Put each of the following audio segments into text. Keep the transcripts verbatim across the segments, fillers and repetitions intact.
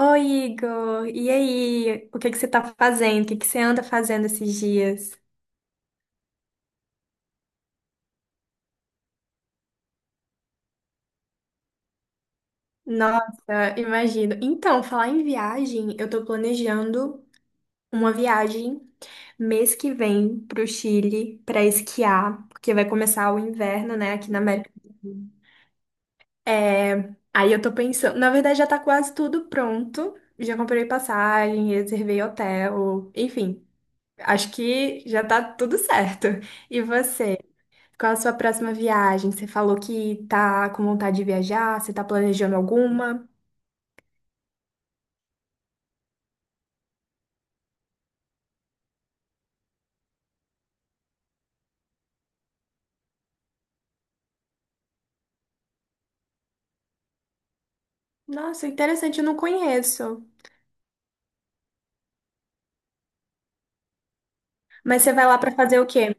Oi, Igor. E aí? O que que você tá fazendo? O que que você anda fazendo esses dias? Nossa, imagino. Então, falar em viagem, eu tô planejando uma viagem mês que vem pro Chile pra esquiar, porque vai começar o inverno, né, aqui na América. do Sul? É, aí eu tô pensando, na verdade já tá quase tudo pronto. Já comprei passagem, reservei hotel, enfim, acho que já tá tudo certo. E você? Qual a sua próxima viagem? Você falou que tá com vontade de viajar, você tá planejando alguma? Nossa, interessante, eu não conheço. Mas você vai lá pra fazer o quê?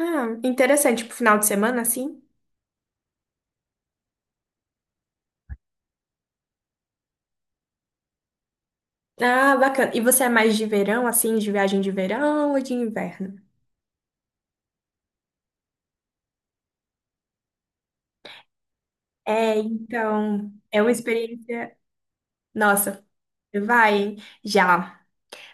Ah, interessante, pro final de semana, assim? Ah, bacana. E você é mais de verão, assim, de viagem de verão ou de inverno? É, então, é uma experiência. Nossa, vai, hein? Já.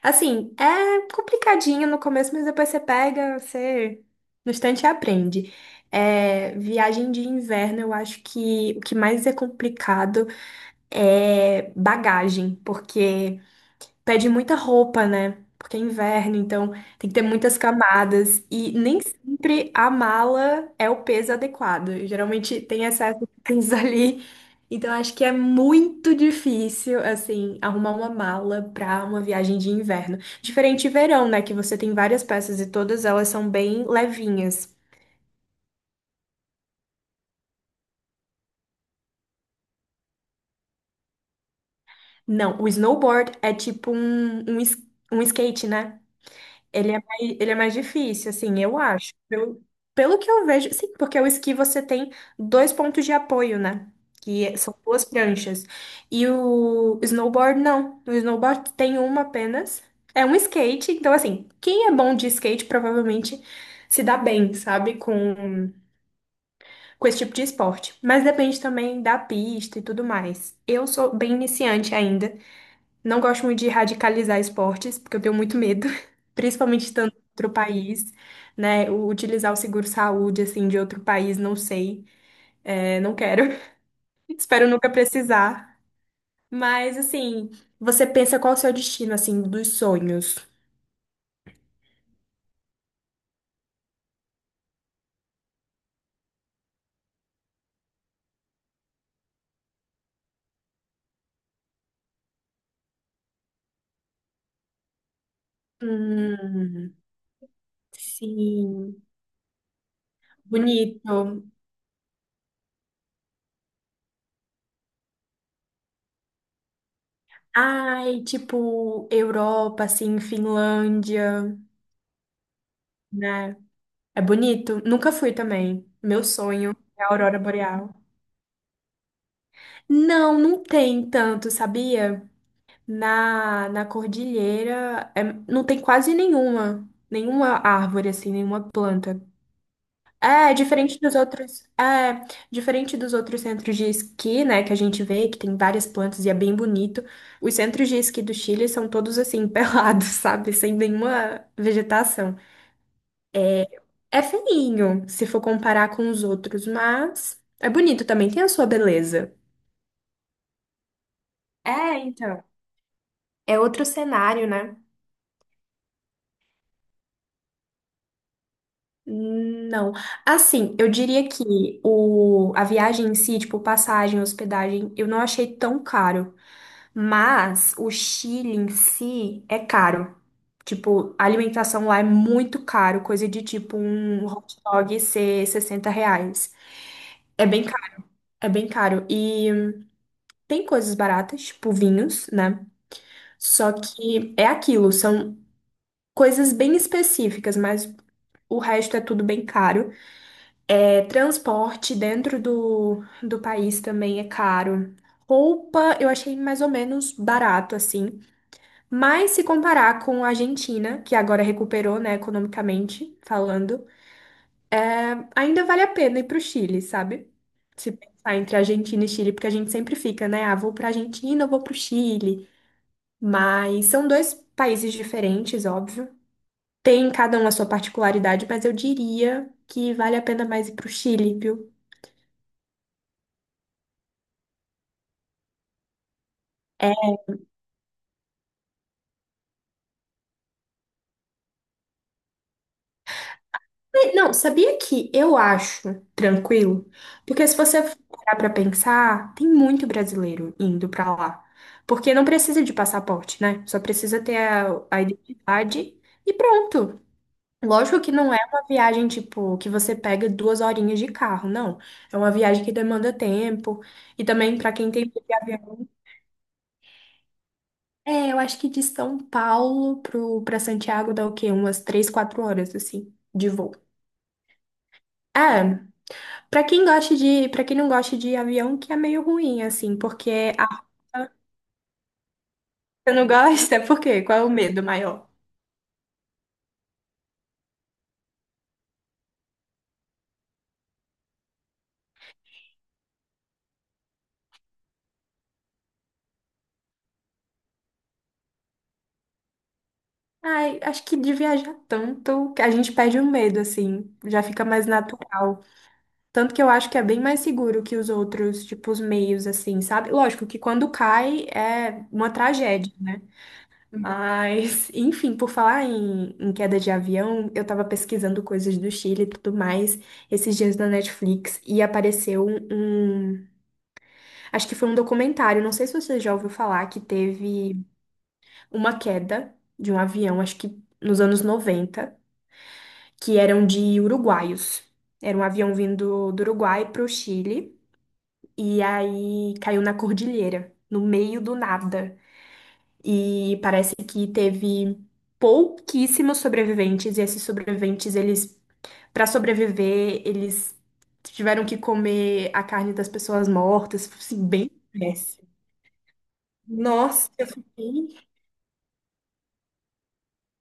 Assim, é complicadinho no começo, mas depois você pega, você no instante aprende. É, viagem de inverno, eu acho que o que mais é complicado é bagagem, porque pede muita roupa, né? Porque é inverno, então tem que ter muitas camadas. E nem sempre a mala é o peso adequado. Geralmente tem excesso de coisas ali. Então acho que é muito difícil, assim, arrumar uma mala para uma viagem de inverno. Diferente de verão, né? Que você tem várias peças e todas elas são bem levinhas. Não, o snowboard é tipo um, um, es- um skate, né? Ele é mais, ele é mais difícil, assim, eu acho. Pelo, pelo que eu vejo, sim, porque o esqui você tem dois pontos de apoio, né? Que é- são duas pranchas. E o snowboard, não. O snowboard tem uma apenas. É um skate, então, assim, quem é bom de skate provavelmente se dá bem, sabe? Com, com esse tipo de esporte. Mas depende também da pista e tudo mais. Eu sou bem iniciante ainda. Não gosto muito de radicalizar esportes, porque eu tenho muito medo, principalmente estando em outro país, né? O- Utilizar o seguro-saúde, assim, de outro país, não sei. É, não quero. Espero nunca precisar. Mas, assim, você pensa qual é o seu destino, assim, dos sonhos? Hum, sim, bonito. Ai, tipo, Europa, assim, Finlândia, né? É bonito? Nunca fui também. Meu sonho é a aurora boreal. Não, não tem tanto, sabia? Na, na cordilheira, é- não tem quase nenhuma. Nenhuma árvore, assim, nenhuma planta. É, diferente dos outros. É, diferente dos outros centros de esqui, né? Que a gente vê, que tem várias plantas e é bem bonito. Os centros de esqui do Chile são todos assim, pelados, sabe? Sem nenhuma vegetação. É feinho, se for comparar com os outros, mas é bonito também, tem a sua beleza. É, então. É outro cenário, né? Não. Assim, eu diria que o, a viagem em si, tipo, passagem, hospedagem, eu não achei tão caro. Mas o Chile em si é caro. Tipo, a alimentação lá é muito caro, coisa de tipo um hot dog ser sessenta reais. É bem caro, é bem caro. E tem coisas baratas, tipo vinhos, né? Só que é aquilo, são coisas bem específicas, mas o resto é tudo bem caro. É, transporte dentro do, do país também é caro. Roupa eu achei mais ou menos barato, assim. Mas se comparar com a Argentina, que agora recuperou, né, economicamente falando, ainda vale a pena ir pro Chile, sabe? Se pensar entre Argentina e Chile, porque a gente sempre fica, né? Ah, vou pra Argentina, eu vou pro Chile. Mas são dois países diferentes, óbvio. Tem cada uma a sua particularidade, mas eu diria que vale a pena mais ir pro Chile, viu? É. Não, sabia que eu acho tranquilo? Porque se você parar pra pensar, tem muito brasileiro indo pra lá. Porque não precisa de passaporte, né? Só precisa ter a, a identidade e pronto. Lógico que não é uma viagem, tipo, que você pega duas horinhas de carro, não. É uma viagem que demanda tempo. E também, pra quem tem. É, eu acho que de São Paulo pro, pra Santiago dá o quê? Umas três, quatro horas, assim, de voo. Ah, pra quem gosta de, para quem não gosta de avião, que é meio ruim, assim, porque a... Você não gosta? Por quê? Qual é o medo maior? Ai, acho que de viajar tanto que a gente perde o medo, assim, já fica mais natural. Tanto que eu acho que é bem mais seguro que os outros, tipo, os meios, assim, sabe? Lógico que quando cai é uma tragédia. Mas, enfim, por falar em, em queda de avião, eu tava pesquisando coisas do Chile e tudo mais esses dias na Netflix e apareceu um, um- acho que foi um documentário, não sei se você já ouviu falar, que teve uma queda de um avião, acho que nos anos noventa, que eram de uruguaios. Era um avião vindo do Uruguai pro Chile e aí caiu na cordilheira, no meio do nada. E parece que teve pouquíssimos sobreviventes, e esses sobreviventes, eles, para sobreviver, eles tiveram que comer a carne das pessoas mortas, assim, bem péssimo. Nossa, eu fiquei.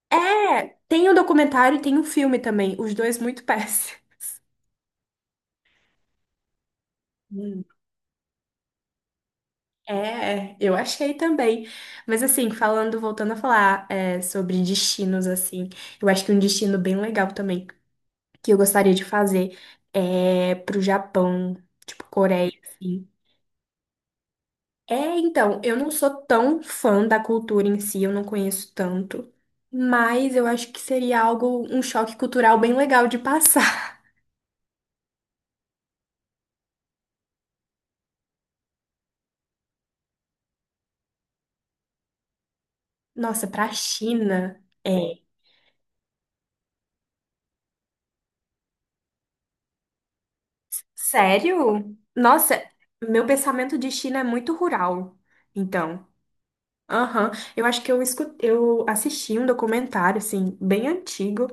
É, tem o documentário e tem o filme também, os dois muito péssimos. Hum. É, eu achei também. Mas assim, falando, voltando a falar é, sobre destinos, assim, eu acho que um destino bem legal também. que eu gostaria de fazer é pro Japão, tipo Coreia, assim. É, então, eu não sou tão fã da cultura em si, eu não conheço tanto, mas eu acho que seria algo, um choque cultural bem legal de passar. Nossa, pra China, é. Sério? Nossa, meu pensamento de China é muito rural. Então, aham, eu acho que eu escutei, eu assisti um documentário assim bem antigo.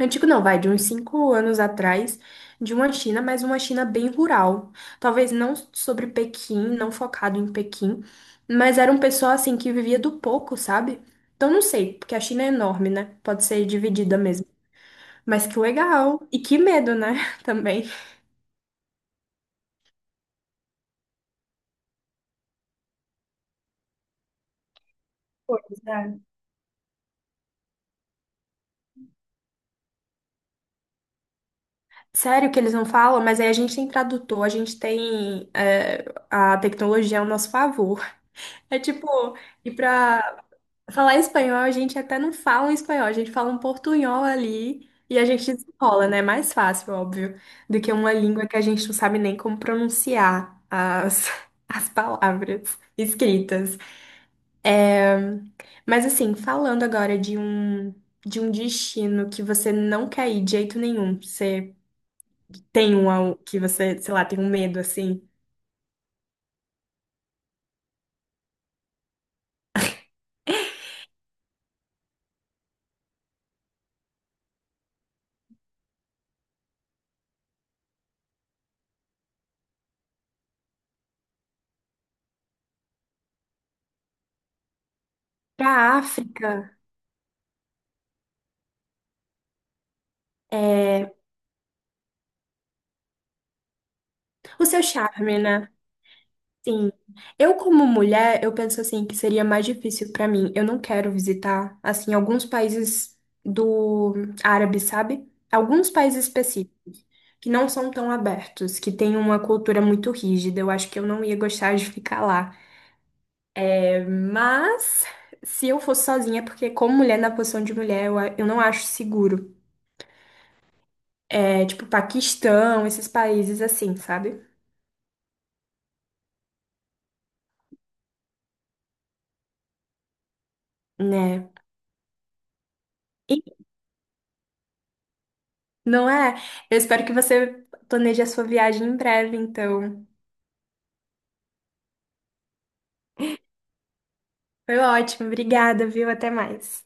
Antigo não, vai de uns cinco anos atrás, de uma China, mas uma China bem rural. Talvez não sobre Pequim, não focado em Pequim, mas era um pessoal assim que vivia do pouco, sabe? Então não sei, porque a China é enorme, né? Pode ser dividida mesmo. Mas que legal! E que medo, né? Também. Pois é. Sério que eles não falam, mas aí a gente tem tradutor, a gente tem é, a tecnologia ao nosso favor. É tipo ir pra. Falar espanhol, a gente até não fala um espanhol, a gente fala um portunhol ali e a gente desenrola, né? É mais fácil, óbvio, do que uma língua que a gente não sabe nem como pronunciar as, as palavras escritas. Mas assim, falando agora de um, de um destino que você não quer ir de jeito nenhum, você tem um ao- que você, sei lá, tem um medo assim. Pra África, é, o seu charme, né? Sim. Eu, como mulher, eu penso assim que seria mais difícil pra mim. Eu não quero visitar, assim, alguns países do árabe, sabe? Alguns países específicos que não são tão abertos, que têm uma cultura muito rígida. Eu acho que eu não ia gostar de ficar lá. É, mas se eu fosse sozinha, porque como mulher na posição de mulher, eu, a- eu não acho seguro. É tipo Paquistão, esses países assim, sabe? Né? Não é? Eu espero que você planeje a sua viagem em breve, então. Foi ótimo, obrigada, viu? Até mais.